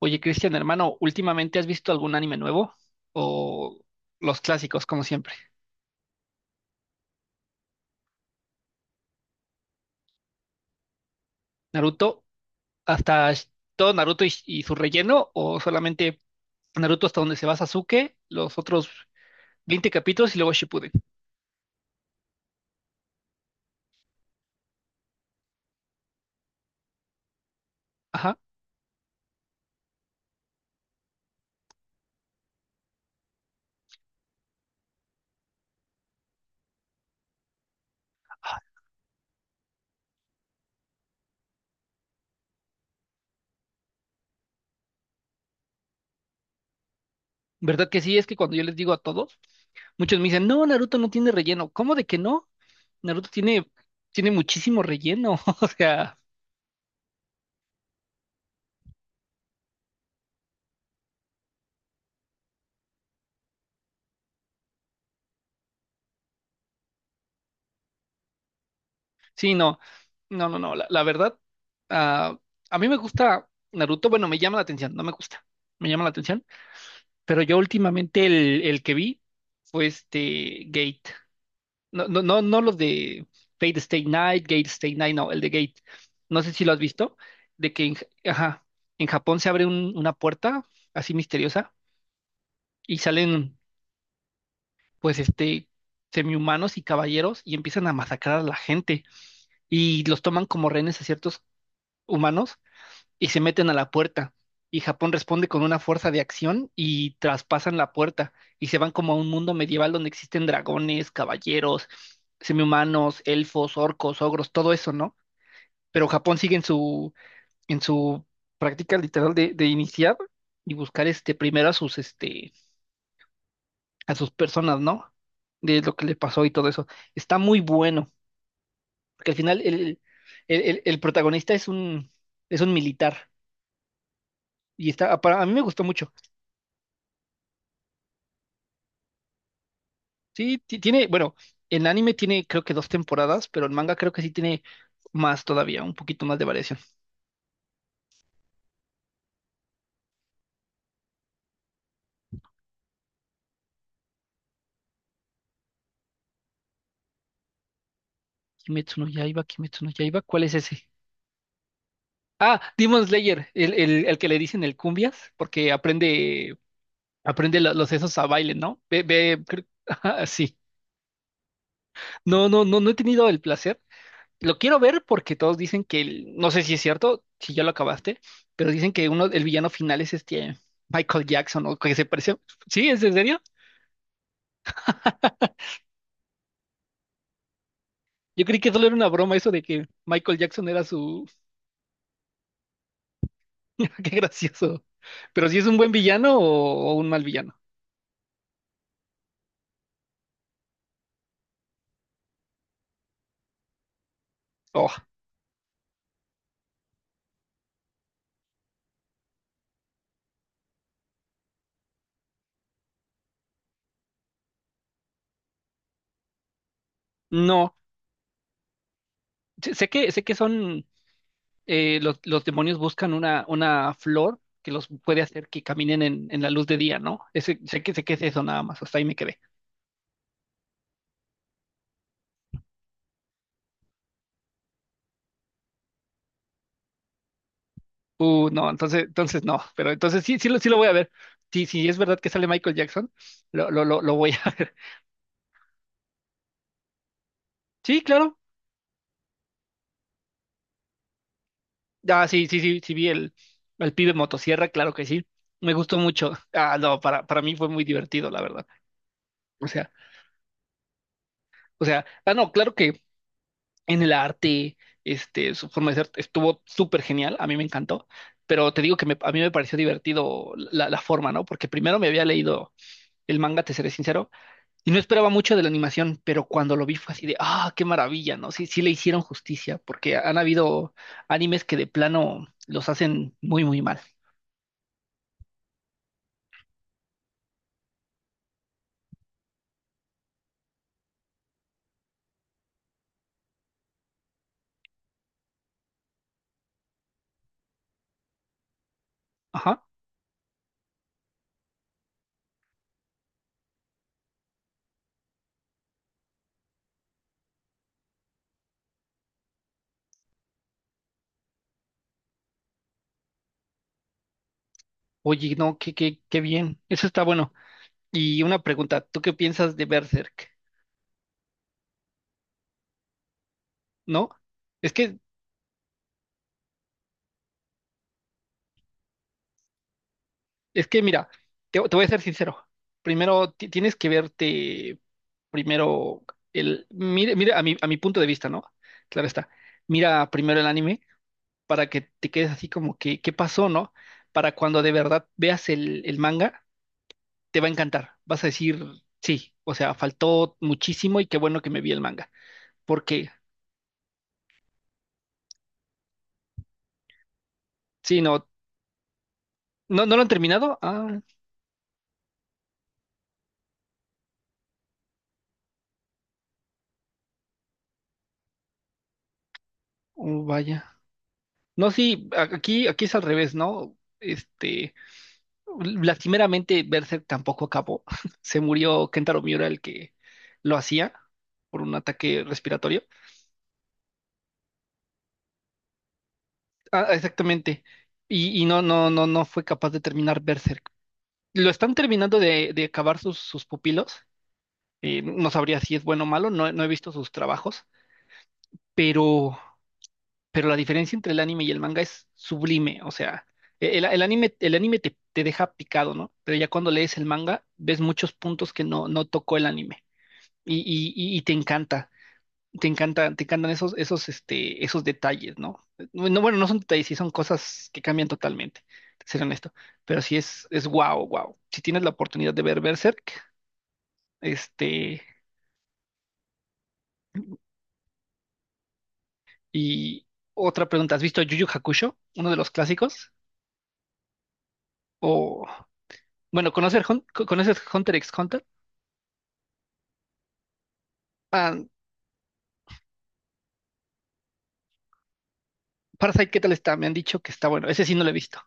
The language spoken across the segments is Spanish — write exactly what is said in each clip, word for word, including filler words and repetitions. Oye, Cristian, hermano, ¿últimamente has visto algún anime nuevo? ¿O los clásicos, como siempre? ¿Naruto? ¿Hasta Sh- todo Naruto y, y su relleno? ¿O solamente Naruto hasta donde se va Sasuke, los otros veinte capítulos y luego Shippuden? Ajá. ¿Verdad que sí? Es que cuando yo les digo a todos, muchos me dicen, no, Naruto no tiene relleno. ¿Cómo de que no? Naruto tiene, tiene muchísimo relleno. O sea, sí, no, no, no, no, la, la verdad, ah, a mí me gusta Naruto, bueno, me llama la atención, no me gusta, me llama la atención, pero yo últimamente el, el que vi fue este Gate, no, no, no, no los de Fate Stay Night, Gate Stay Night, no, el de Gate, no sé si lo has visto, de que en, Ja- ajá, en Japón se abre un- una puerta así misteriosa y salen pues este semihumanos y caballeros y empiezan a masacrar a la gente y los toman como rehenes a ciertos humanos y se meten a la puerta. Y Japón responde con una fuerza de acción y traspasan la puerta y se van como a un mundo medieval donde existen dragones, caballeros, semihumanos, elfos, orcos, ogros, todo eso, ¿no? Pero Japón sigue en su, en su práctica literal de, de iniciar y buscar este primero a sus, este, a sus personas, ¿no? De lo que le pasó y todo eso. Está muy bueno, porque al final el, el, el- el protagonista es un, es un militar. Y está, para- a mí me gustó mucho. Sí, ti- tiene, bueno, el anime tiene creo que dos temporadas, pero el manga creo que sí tiene más todavía, un poquito más de variación. Kimetsu no Yaiba, Kimetsu no Yaiba, ¿cuál es ese? Ah, Demon Slayer, el, el, el que le dicen el cumbias, porque aprende, aprende lo- los esos a baile, ¿no? Ve, ve, creo- ajá, sí. No, no, no, no he tenido el placer. Lo quiero ver porque todos dicen que, el- no sé si es cierto, si ya lo acabaste, pero dicen que uno, el villano final es este Michael Jackson, o que se parece. ¿Sí? ¿Es en serio? Yo creí que solo era una broma eso de que Michael Jackson era su... Qué gracioso. Pero si es un buen villano o, o un mal villano. Oh, no. Sé sé que, sé que son... eh, los, los demonios buscan una, una flor que los puede hacer que caminen en, en la luz de día, ¿no? Ese, sé que, sé que es eso nada más. Hasta ahí me quedé. Uh, no, entonces, entonces no. Pero entonces sí, sí, lo, sí lo voy a ver. Sí, sí, es verdad que sale Michael Jackson. Lo, lo, lo, lo voy a ver. Sí, claro. Ah, sí, sí, sí, sí vi el, el pibe motosierra, claro que sí. Me gustó mucho. Ah, no, para, para mí fue muy divertido, la verdad. O sea, o sea, ah, no, claro que en el arte, este, su forma de ser estuvo súper genial, a mí me encantó, pero te digo que me- a mí me pareció divertido la, la forma, ¿no? Porque primero me había leído el manga, te seré sincero, y no esperaba mucho de la animación, pero cuando lo vi fue así de, ah, qué maravilla, ¿no? Sí, sí le hicieron justicia, porque han habido animes que de plano los hacen muy, muy mal. Oye, no, qué, qué, qué bien. Eso está bueno. Y una pregunta, ¿tú qué piensas de Berserk? ¿No? Es que, es que mira, te, te voy a ser sincero. Primero ti- tienes que verte primero el, mire, mire, a mi, a mi punto de vista, ¿no? Claro está. Mira primero el anime para que te quedes así como que, ¿qué pasó, no? Para cuando de verdad veas el, el manga, te va a encantar. Vas a decir, sí, o sea, faltó muchísimo y qué bueno que me vi el manga. Porque, sí, no. ¿No, no lo han terminado? Ah, oh, vaya. No, sí, a- aquí, aquí es al revés, ¿no? Este, lastimeramente Berserk tampoco acabó. Se murió Kentaro Miura, el que lo hacía por un ataque respiratorio. Ah, exactamente. Y, y no, no, no, no fue capaz de terminar Berserk. Lo están terminando de, de acabar sus, sus pupilos. Eh, no sabría si es bueno o malo, no, no he visto sus trabajos, pero pero la diferencia entre el anime y el manga es sublime, o sea, e-, el, el anime, el anime, te, te deja picado, ¿no? Pero ya cuando lees el manga, ves muchos puntos que no, no tocó el anime y, y, y y te encanta, te encanta, te encantan esos, esos, este, esos detalles, ¿no? No, no, bueno, no son detalles, sí son cosas que cambian totalmente, te seré honesto, pero sí es, es wow, wow. Si tienes la oportunidad de ver Berserk, este, y otra pregunta, ¿has visto Yu Yu Hakusho, uno de los clásicos? O Bueno, ¿conocer Hun- co- ¿conoces Hunter x Hunter? Ah, Parasite, ¿qué tal está? Me han dicho que está bueno. Ese sí no lo he visto.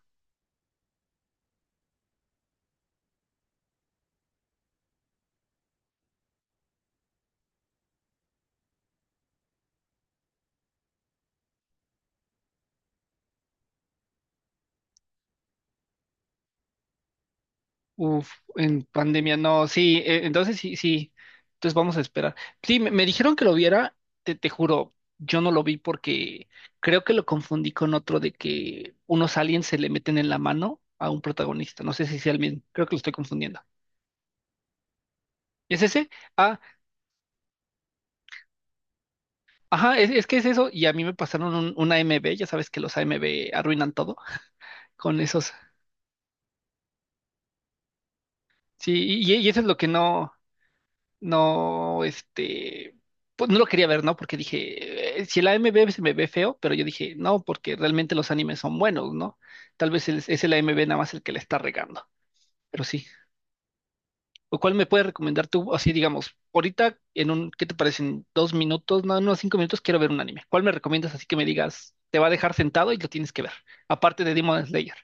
Uf, en pandemia no. Sí, eh, entonces sí, sí. Entonces vamos a esperar. Sí, me, me dijeron que lo viera, te, te juro, yo no lo vi porque creo que lo confundí con otro de que unos aliens se le meten en la mano a un protagonista. No sé si sea el mismo. Creo que lo estoy confundiendo. ¿Es ese? Ah, ajá, es, es que es eso. Y a mí me pasaron un- una A M B, ya sabes que los A M B arruinan todo con esos. Sí, y, y eso es lo que no, no, este, pues no lo quería ver, ¿no? Porque dije, eh, si el A M B se me ve feo, pero yo dije, no, porque realmente los animes son buenos, ¿no? Tal vez el- es el A M B nada más el que le está regando, pero sí. ¿O cuál me puedes recomendar tú? Así, digamos, ahorita en un, ¿qué te parecen? Dos minutos, no, no, cinco minutos, quiero ver un anime. ¿Cuál me recomiendas así que me digas, te va a dejar sentado y lo tienes que ver? Aparte de Demon Slayer.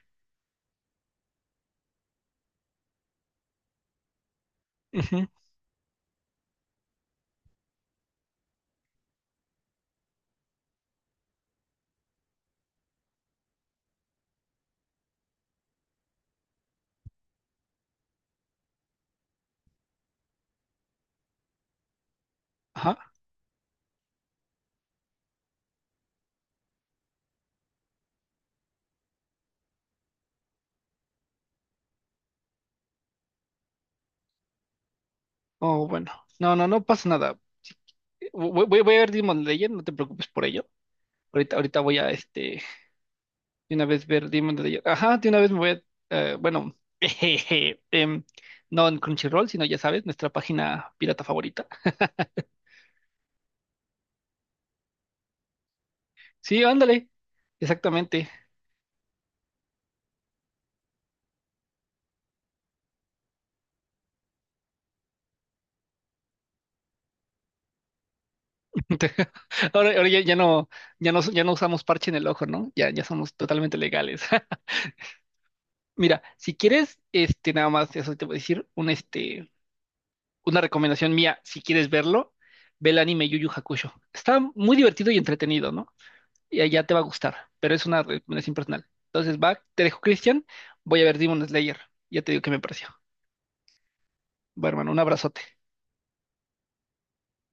Ujú, Ajá. Oh, bueno. No, no, no pasa nada. Voy, voy- voy a ver Demon Slayer, no te preocupes por ello. Ahorita, ahorita voy a, este, de una vez ver Demon Slayer. Ajá, de una vez me voy a, eh, bueno, jejeje, em, no en Crunchyroll, sino ya sabes, nuestra página pirata favorita. Sí, ándale, exactamente. Ahora, ahora ya, ya no, ya no, ya no usamos parche en el ojo, ¿no? Ya, ya somos totalmente legales. Mira, si quieres, este, nada más, eso te voy a decir, un, este, una recomendación mía, si quieres verlo, ve el anime Yu Yu Hakusho. Está muy divertido y entretenido, ¿no? y allá te va a gustar, pero es una recomendación personal. Entonces, va, te dejo, Cristian. Voy a ver Demon Slayer. Ya te digo qué me pareció. Va, hermano, un abrazote.